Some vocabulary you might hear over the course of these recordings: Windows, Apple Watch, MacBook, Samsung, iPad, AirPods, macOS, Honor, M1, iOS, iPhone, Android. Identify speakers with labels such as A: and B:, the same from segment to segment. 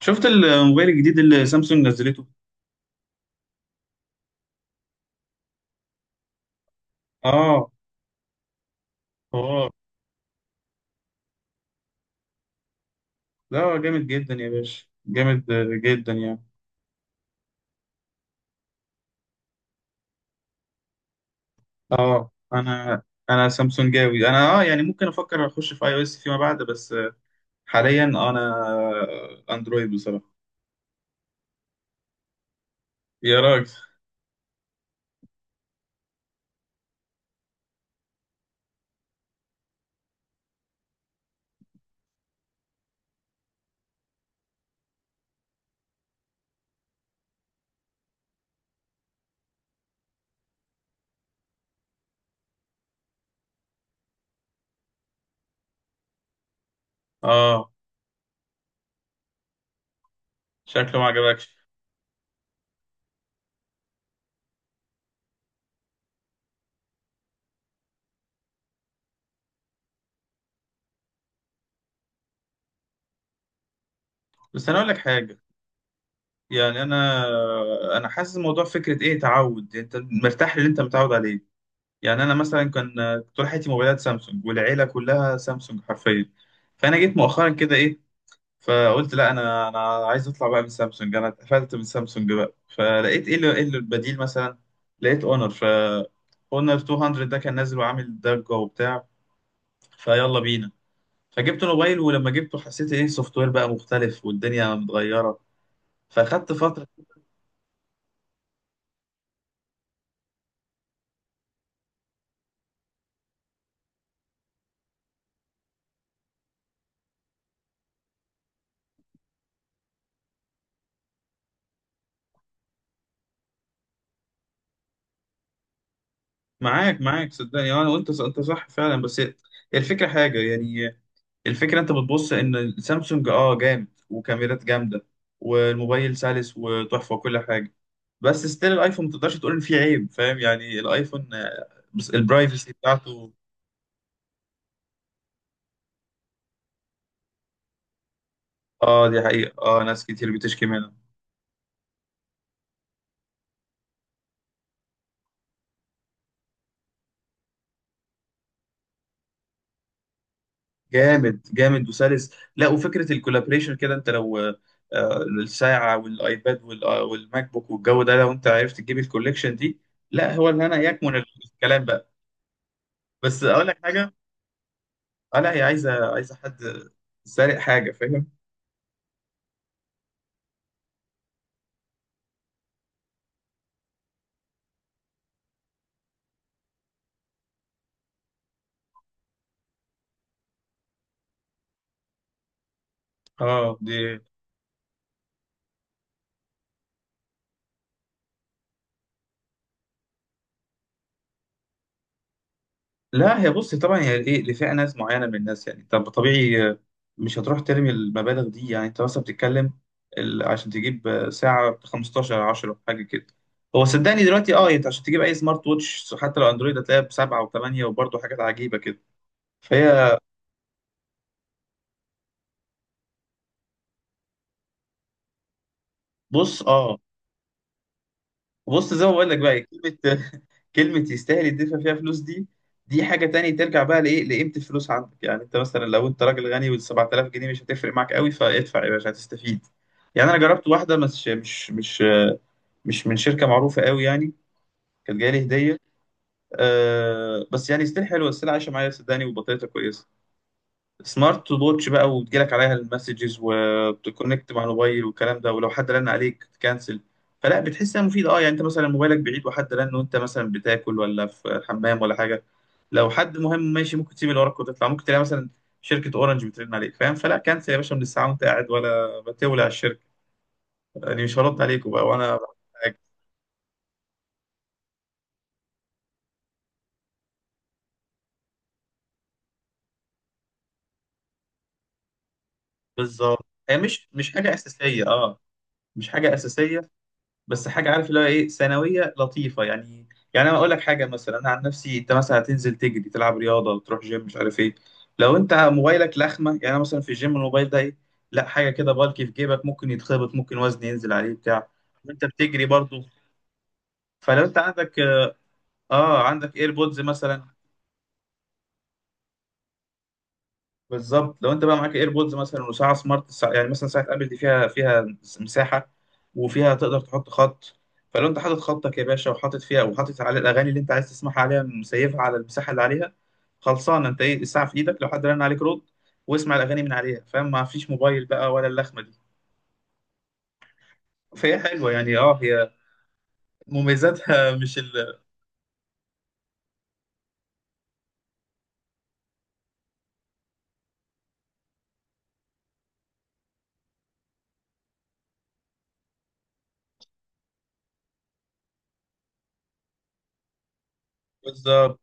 A: شفت الموبايل الجديد اللي سامسونج نزلته. اه. اه. لا، هو جامد جدا يا باشا، جامد جدا يعني. اه. انا سامسونجاوي، انا اه يعني ممكن افكر اخش في اي او اس فيما بعد، بس حاليا انا اندرويد بصراحه. يا راجل. اه، شكله ما عجبكش. بس انا اقول لك حاجه، يعني انا حاسس الموضوع فكره ايه، تعود، انت مرتاح للي انت متعود عليه. يعني انا مثلا كان طول حياتي موبايلات سامسونج، والعيله كلها سامسونج حرفيا. فانا جيت مؤخرا كده ايه، فقلت لا، انا عايز اطلع بقى من سامسونج، انا اتقفلت من سامسونج بقى. فلقيت ايه اللي البديل مثلا. لقيت اونر 200، ده كان نازل وعامل ضجه وبتاع، فيلا بينا. فجبت موبايل، ولما جبته حسيت ايه، السوفت وير بقى مختلف والدنيا متغيره، فاخدت فتره. معاك صدقني، انا وانت، انت صح فعلا، بس الفكره حاجه يعني، الفكرة انت بتبص ان سامسونج اه جامد وكاميرات جامدة، والموبايل سلس وتحفة وكل حاجة. بس ستيل الايفون ما تقدرش تقول ان فيه عيب، فاهم يعني الايفون، بس البرايفسي بتاعته. اه، دي حقيقة. اه، ناس كتير بتشكي منها. جامد جامد وسلس. لا، وفكرة الكولابريشن كده، انت لو الساعة والايباد والماك بوك والجو ده، لو انت عرفت تجيب الكوليكشن دي، لا هو الهنا يكمن الكلام بقى. بس اقول لك حاجة. اه، لا هي عايزة حد سارق حاجة، فاهم. اه دي. لا، هي بص طبعا، هي ايه، لفئه ناس معينه من الناس. يعني طب طبيعي، مش هتروح ترمي المبالغ دي. يعني انت مثلا بتتكلم عشان تجيب ساعه ب 15 10 حاجه كده. هو صدقني دلوقتي اه، انت عشان تجيب اي سمارت ووتش حتى لو اندرويد، هتلاقيها بسبعه وثمانيه وبرضه حاجات عجيبه كده. فهي، بص اه، بص زي ما بقول لك بقى، كلمة يستاهل يدفع فيها فلوس دي حاجة تانية، ترجع بقى لإيه، لقيمة الفلوس عندك. يعني أنت مثلا لو أنت راجل غني وال 7000 جنيه مش هتفرق معاك قوي، فادفع يا باشا هتستفيد. يعني أنا جربت واحدة، مش من شركة معروفة قوي يعني، كانت جاية لي هدية. أه بس يعني ستيل حلوة، ستيل عايشة معايا صدقني وبطاريتها كويسة. سمارت ووتش بقى، وتجيلك عليها المسجز وتكونكت مع الموبايل والكلام ده، ولو حد رن عليك تكنسل، فلا بتحس انها مفيده. اه، يعني انت مثلا موبايلك بعيد وحد رن، وانت مثلا بتاكل ولا في الحمام ولا حاجه، لو حد مهم ماشي ممكن تسيب اللي وراك وتطلع. ممكن تلاقي مثلا شركه اورنج بترن عليك فاهم، فلا، كنسل يا باشا من الساعه وانت قاعد، ولا بتولع الشركه، يعني مش هرد عليكم بقى وانا بعمل حاجة. بالظبط، هي مش حاجه اساسيه، اه. مش حاجه اساسيه، بس حاجه، عارف اللي هو ايه، ثانويه لطيفه يعني. يعني انا اقول لك حاجه مثلا، انا عن نفسي، انت مثلا هتنزل تجري، تلعب رياضه، تروح جيم، مش عارف ايه. لو انت موبايلك لخمه، يعني أنا مثلا في الجيم الموبايل ده ايه، لا حاجه كده بالكي في جيبك، ممكن يتخبط، ممكن وزن ينزل عليه بتاع وانت بتجري برضه. فلو انت عندك، اه عندك ايربودز مثلا. بالظبط، لو انت بقى معاك ايربودز مثلا وساعه سمارت، ساعة يعني مثلا ساعه ابل، دي فيها مساحه، وفيها تقدر تحط خط، فلو انت حاطط خطك يا باشا، وحاطط فيها، وحاطط على الاغاني اللي انت عايز تسمعها عليها، مسيفها على المساحه اللي عليها، خلصان. انت ايه، الساعه في ايدك، لو حد رن عليك رد، واسمع الاغاني من عليها فاهم، ما فيش موبايل بقى ولا اللخمه دي. فهي حلوه يعني، اه هي مميزاتها مش ال... بالظبط.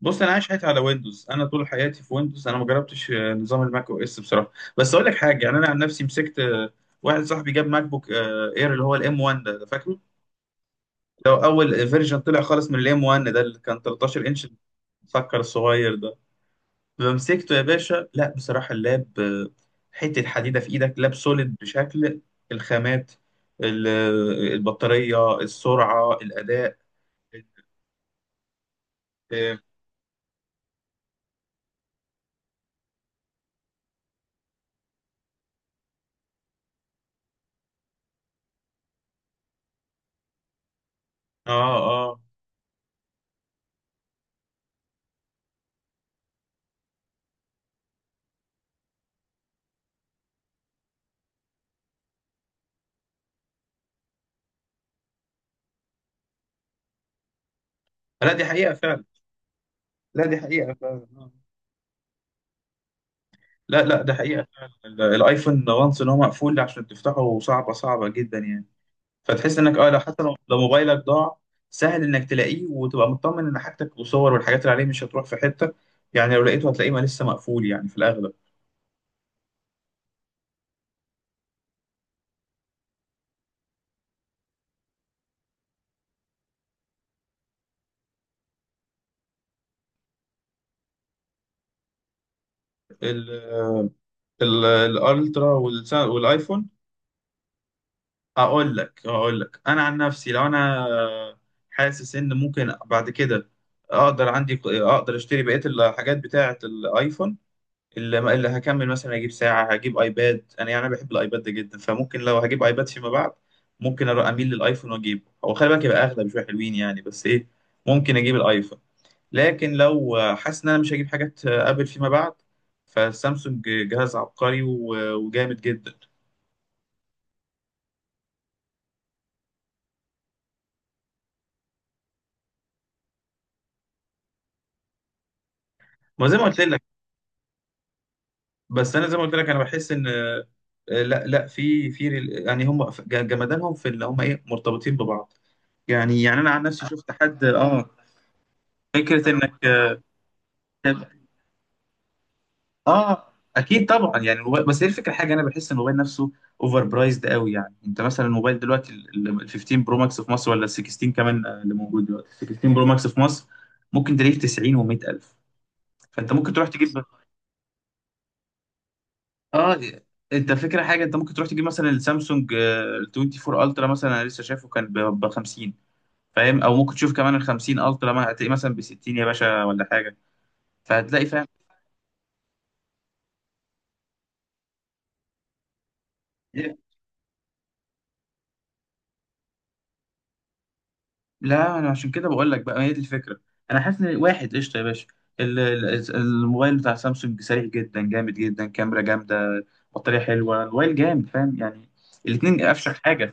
A: بص، انا عايش حياتي على ويندوز، انا طول حياتي في ويندوز، انا ما جربتش نظام الماك او اس بصراحه. بس اقول لك حاجه، يعني انا عن نفسي مسكت، واحد صاحبي جاب ماك بوك اير، اللي هو الام 1 ده فاكره لو اول فيرجن طلع خالص من الام 1، ده اللي كان 13 انش، مسكر الصغير ده. فمسكته يا باشا، لا بصراحه اللاب حته حديده في ايدك، لاب سوليد بشكل، الخامات، البطاريه، السرعه، الاداء. اه. اه لا، دي حقيقه فعلا. لا دي حقيقه فعلا آه. لا لا، ده حقيقة فعلا، الايفون وانس ان هو مقفول، عشان تفتحه صعبة صعبة جدا يعني. فتحس انك اه لو حتى لو لو موبايلك ضاع، سهل انك تلاقيه، وتبقى مطمن ان حاجتك وصور والحاجات اللي عليه مش هتروح في حتة. يعني لو لقيته هتلاقيه، ما لسه مقفول يعني في الاغلب. ال ال الالترا والايفون. هقول لك انا عن نفسي، لو انا حاسس ان ممكن بعد كده اقدر، عندي اقدر اشتري بقية الحاجات بتاعة الايفون اللي هكمل، مثلا اجيب ساعه، هجيب ايباد. انا يعني أنا بحب الايباد ده جدا، فممكن لو هجيب ايباد فيما بعد، ممكن أروح اميل للايفون واجيبه. هو خلي بالك يبقى اغلى بشويه حلوين يعني، بس ايه، ممكن اجيب الايفون. لكن لو حاسس ان انا مش هجيب حاجات ابل فيما بعد، فالسامسونج جهاز عبقري وجامد جدا. ما زي ما قلت لك، بس انا زي ما قلت لك، انا بحس ان لا لا، يعني هم جمدانهم في اللي هم ايه، مرتبطين ببعض. يعني انا عن نفسي شفت حد اه، فكره انك. اه اكيد طبعا يعني الموبايل، بس هي الفكره حاجه، انا بحس ان الموبايل نفسه اوفر برايزد قوي يعني. انت مثلا الموبايل دلوقتي ال 15 برو ماكس في مصر، ولا ال 16 كمان، اللي موجود دلوقتي 16 برو ماكس في مصر، ممكن تلاقيه في 90 و100 الف. فانت ممكن تروح تجيب، اه انت فكره حاجه، انت ممكن تروح تجيب مثلا السامسونج، ال 24 الترا مثلا، انا لسه شايفه كان ب 50، فاهم. او ممكن تشوف كمان ال 50 الترا، ما هتلاقيه مثلا ب 60 يا باشا ولا حاجه. فهتلاقي فاهم. إيه؟ لا انا عشان كده بقول لك بقى، هي دي الفكره. انا حاسس ان واحد قشطه يا باشا، الموبايل بتاع سامسونج سريع جدا، جامد جدا، كاميرا جامده، بطاريه حلوه، الموبايل جامد فاهم يعني. الاثنين افشخ حاجه.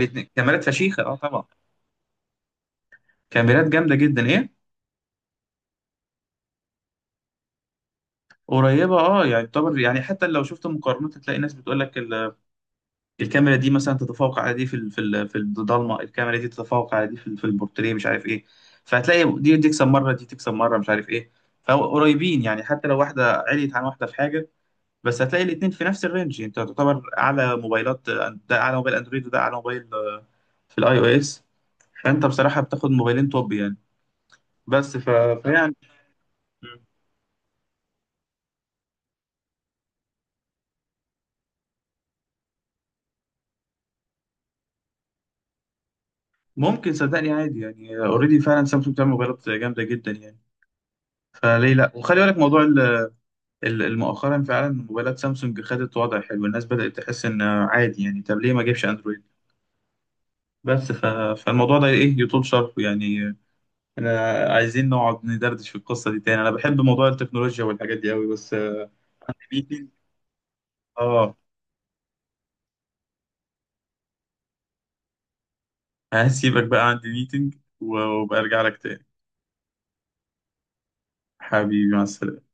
A: الاثنين كاميرات فشيخه اه، طبعا. كاميرات جامده جدا ايه. قريبه اه، يعني طبعا، يعني حتى لو شفت مقارنات، هتلاقي ناس بتقول لك الكاميرا دي مثلا تتفوق على دي في في الضلمه، الكاميرا دي تتفوق على دي في في البورتريه، مش عارف ايه. فهتلاقي دي تكسب مره، دي تكسب مره، مش عارف ايه. فقريبين يعني، حتى لو واحده عليت عن واحده في حاجه، بس هتلاقي الاثنين في نفس الرينج. انت تعتبر اعلى موبايلات، ده اعلى موبايل اندرويد، وده اعلى موبايل في الاي او اس. فانت بصراحه بتاخد موبايلين توب يعني. بس ف... فيعني ممكن صدقني عادي يعني، اوريدي فعلا سامسونج بتعمل موبايلات جامده جدا يعني، فليه لا. وخلي بالك موضوع مؤخرا، فعلا موبايلات سامسونج خدت وضع حلو، الناس بدأت تحس ان عادي، يعني طب ليه ما اجيبش اندرويد. بس ف... فالموضوع ده ايه، يطول شرحه يعني. انا عايزين نقعد ندردش في القصة دي تاني، انا بحب موضوع التكنولوجيا والحاجات دي قوي، بس ميتنج، اه. هسيبك بقى عندي ميتنج، وبرجع لك تاني. حبيبي، مع السلامة.